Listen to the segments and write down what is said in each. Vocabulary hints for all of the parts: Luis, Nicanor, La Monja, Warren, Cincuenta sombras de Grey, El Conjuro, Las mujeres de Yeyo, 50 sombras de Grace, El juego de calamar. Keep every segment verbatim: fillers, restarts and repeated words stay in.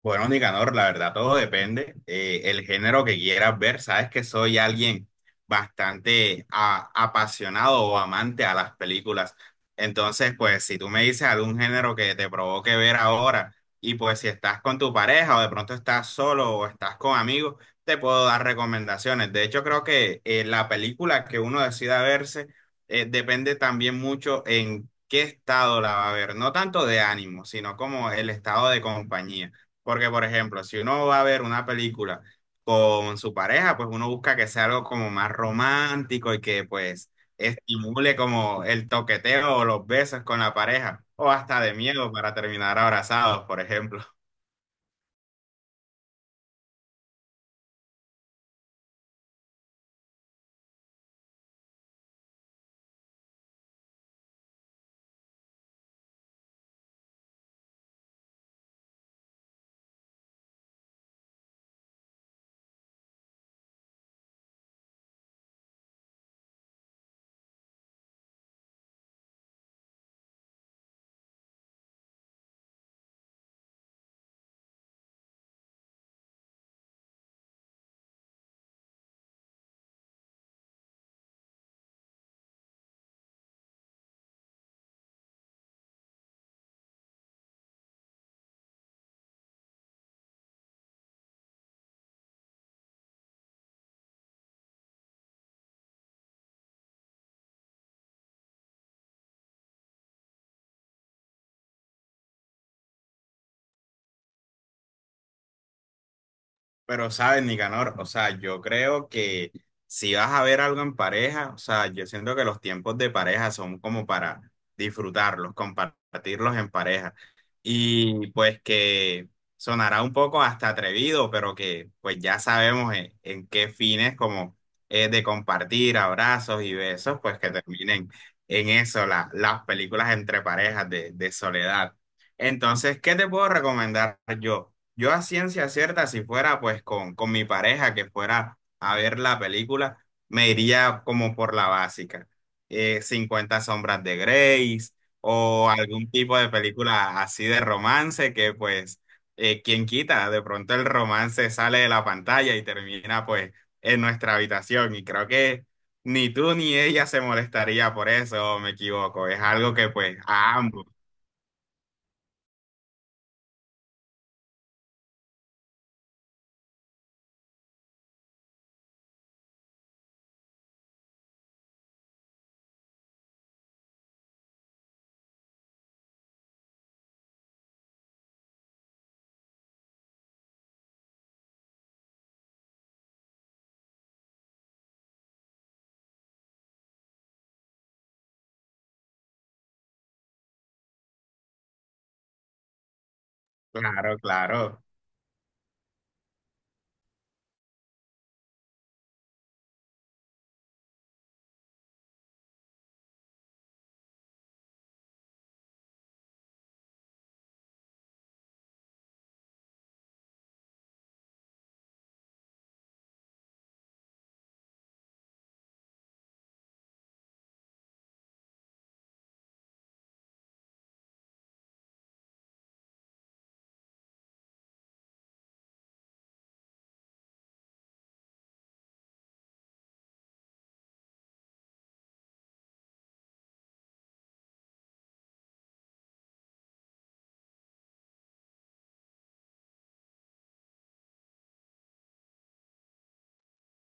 Bueno, Nicanor, la verdad todo depende, eh, el género que quieras ver. Sabes que soy alguien bastante a- apasionado o amante a las películas. Entonces, pues si tú me dices algún género que te provoque ver ahora y pues si estás con tu pareja o de pronto estás solo o estás con amigos, te puedo dar recomendaciones. De hecho, creo que eh, la película que uno decida verse eh, depende también mucho en qué estado la va a ver. No tanto de ánimo, sino como el estado de compañía. Porque, por ejemplo, si uno va a ver una película con su pareja, pues uno busca que sea algo como más romántico y que pues estimule como el toqueteo o los besos con la pareja, o hasta de miedo para terminar abrazados, por ejemplo. Pero, ¿sabes, Nicanor? O sea, yo creo que si vas a ver algo en pareja, o sea, yo siento que los tiempos de pareja son como para disfrutarlos, compartirlos en pareja. Y pues que sonará un poco hasta atrevido, pero que pues ya sabemos en, en, qué fines como es de compartir abrazos y besos, pues que terminen en eso, la- las películas entre parejas de, de, soledad. Entonces, ¿qué te puedo recomendar yo? Yo a ciencia cierta, si fuera pues con, con mi pareja que fuera a ver la película, me iría como por la básica. Eh, cincuenta sombras de Grace o algún tipo de película así de romance que pues, eh, quien quita, de pronto el romance sale de la pantalla y termina pues en nuestra habitación. Y creo que ni tú ni ella se molestaría por eso, ¿o me equivoco? Es algo que pues a ambos, claro, claro.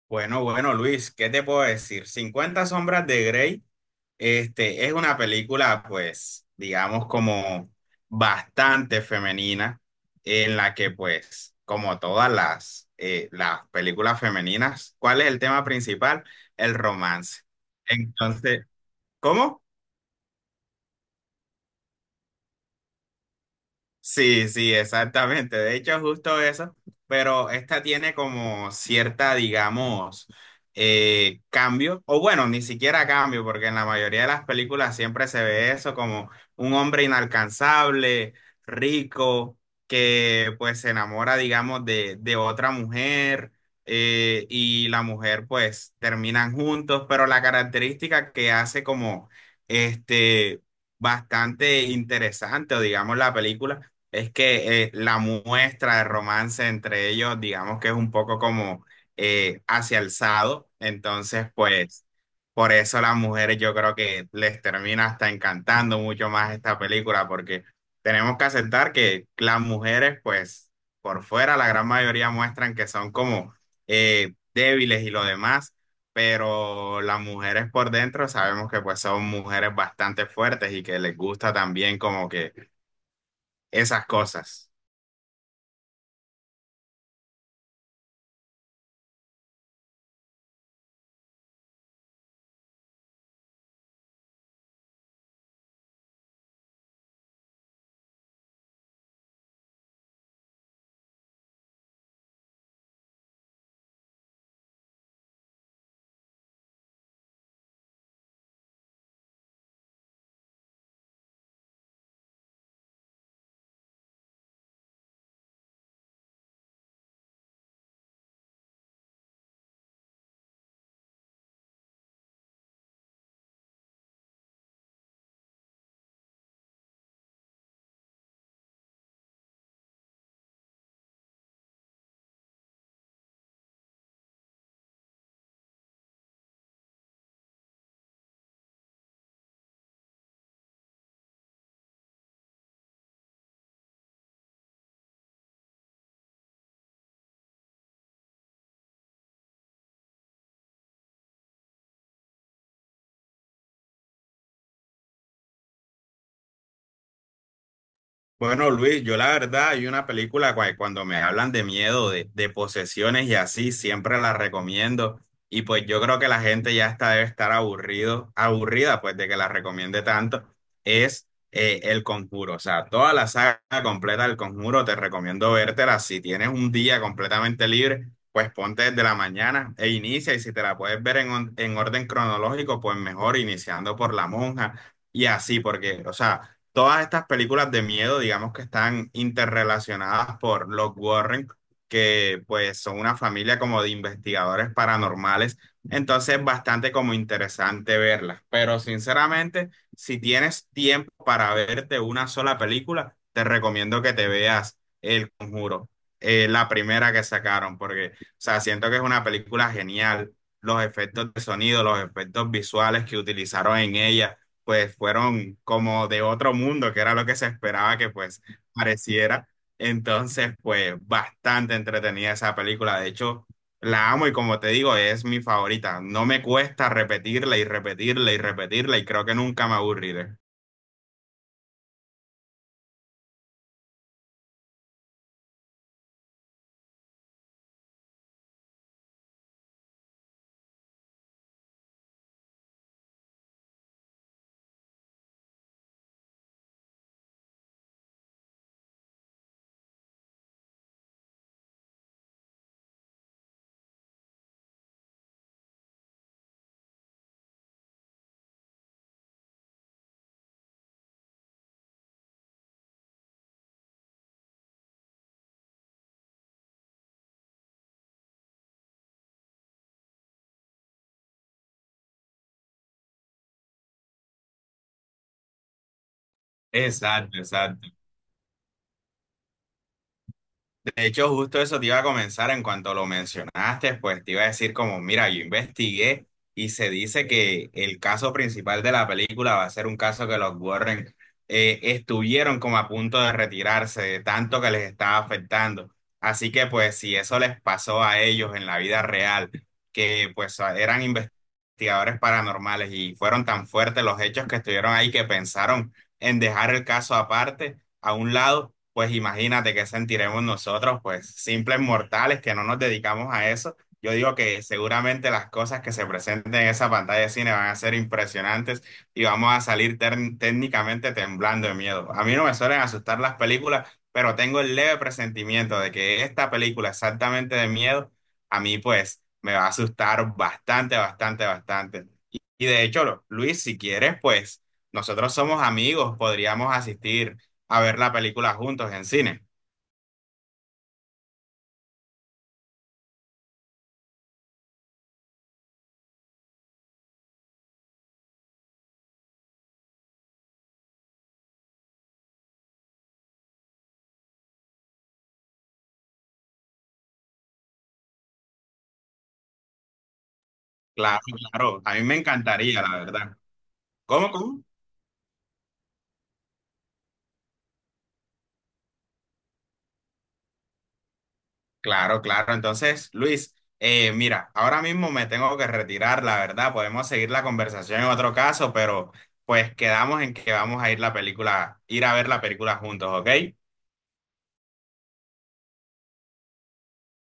Bueno, bueno, Luis, ¿qué te puedo decir? Cincuenta sombras de Grey, este, es una película, pues, digamos, como bastante femenina, en la que, pues, como todas las, eh, las películas femeninas, ¿cuál es el tema principal? El romance. Entonces, ¿cómo? Sí, sí, exactamente. De hecho, justo eso. Pero esta tiene como cierta, digamos, eh, cambio. O bueno, ni siquiera cambio, porque en la mayoría de las películas siempre se ve eso como un hombre inalcanzable, rico, que pues se enamora, digamos, de, de, otra mujer, eh, y la mujer pues terminan juntos. Pero la característica que hace como este bastante interesante, o digamos, la película es que eh, la muestra de romance entre ellos, digamos que es un poco como eh, hacia alzado, entonces pues por eso las mujeres yo creo que les termina hasta encantando mucho más esta película, porque tenemos que aceptar que las mujeres pues por fuera la gran mayoría muestran que son como eh, débiles y lo demás, pero las mujeres por dentro sabemos que pues son mujeres bastante fuertes y que les gusta también como que esas cosas. Bueno, Luis, yo la verdad hay una película cua- cuando me hablan de miedo, de, de posesiones y así, siempre la recomiendo. Y pues yo creo que la gente ya está, debe estar aburrido, aburrida pues de que la recomiende tanto. Es eh, El Conjuro. O sea, toda la saga completa del Conjuro te recomiendo vértela. Si tienes un día completamente libre, pues ponte desde la mañana e inicia. Y si te la puedes ver en, on- en orden cronológico, pues mejor iniciando por La Monja y así, porque, o sea, todas estas películas de miedo, digamos que están interrelacionadas por los Warren, que pues son una familia como de investigadores paranormales, entonces es bastante como interesante verlas, pero sinceramente, si tienes tiempo para verte una sola película, te recomiendo que te veas El Conjuro, eh, la primera que sacaron, porque, o sea, siento que es una película genial. Los efectos de sonido, los efectos visuales que utilizaron en ella, pues fueron como de otro mundo, que era lo que se esperaba que pues pareciera. Entonces, pues bastante entretenida esa película. De hecho, la amo y como te digo, es mi favorita. No me cuesta repetirla y repetirla y repetirla y creo que nunca me aburriré. Exacto, exacto. De hecho, justo eso te iba a comenzar en cuanto lo mencionaste, pues te iba a decir como, mira, yo investigué y se dice que el caso principal de la película va a ser un caso que los Warren eh, estuvieron como a punto de retirarse de tanto que les estaba afectando. Así que pues si eso les pasó a ellos en la vida real, que pues eran investigadores paranormales y fueron tan fuertes los hechos que estuvieron ahí que pensaron en dejar el caso aparte a un lado, pues imagínate qué sentiremos nosotros, pues simples mortales que no nos dedicamos a eso. Yo digo que seguramente las cosas que se presenten en esa pantalla de cine van a ser impresionantes y vamos a salir tern- técnicamente temblando de miedo. A mí no me suelen asustar las películas, pero tengo el leve presentimiento de que esta película exactamente de miedo, a mí pues me va a asustar bastante, bastante, bastante. Y y de hecho, lo- Luis, si quieres, pues nosotros somos amigos, podríamos asistir a ver la película juntos en cine. Claro, claro, a mí me encantaría, la verdad. ¿Cómo, cómo? Claro, claro. Entonces, Luis, eh, mira, ahora mismo me tengo que retirar, la verdad. Podemos seguir la conversación en otro caso, pero pues quedamos en que vamos a ir la película, ir a ver la película juntos, ¿ok?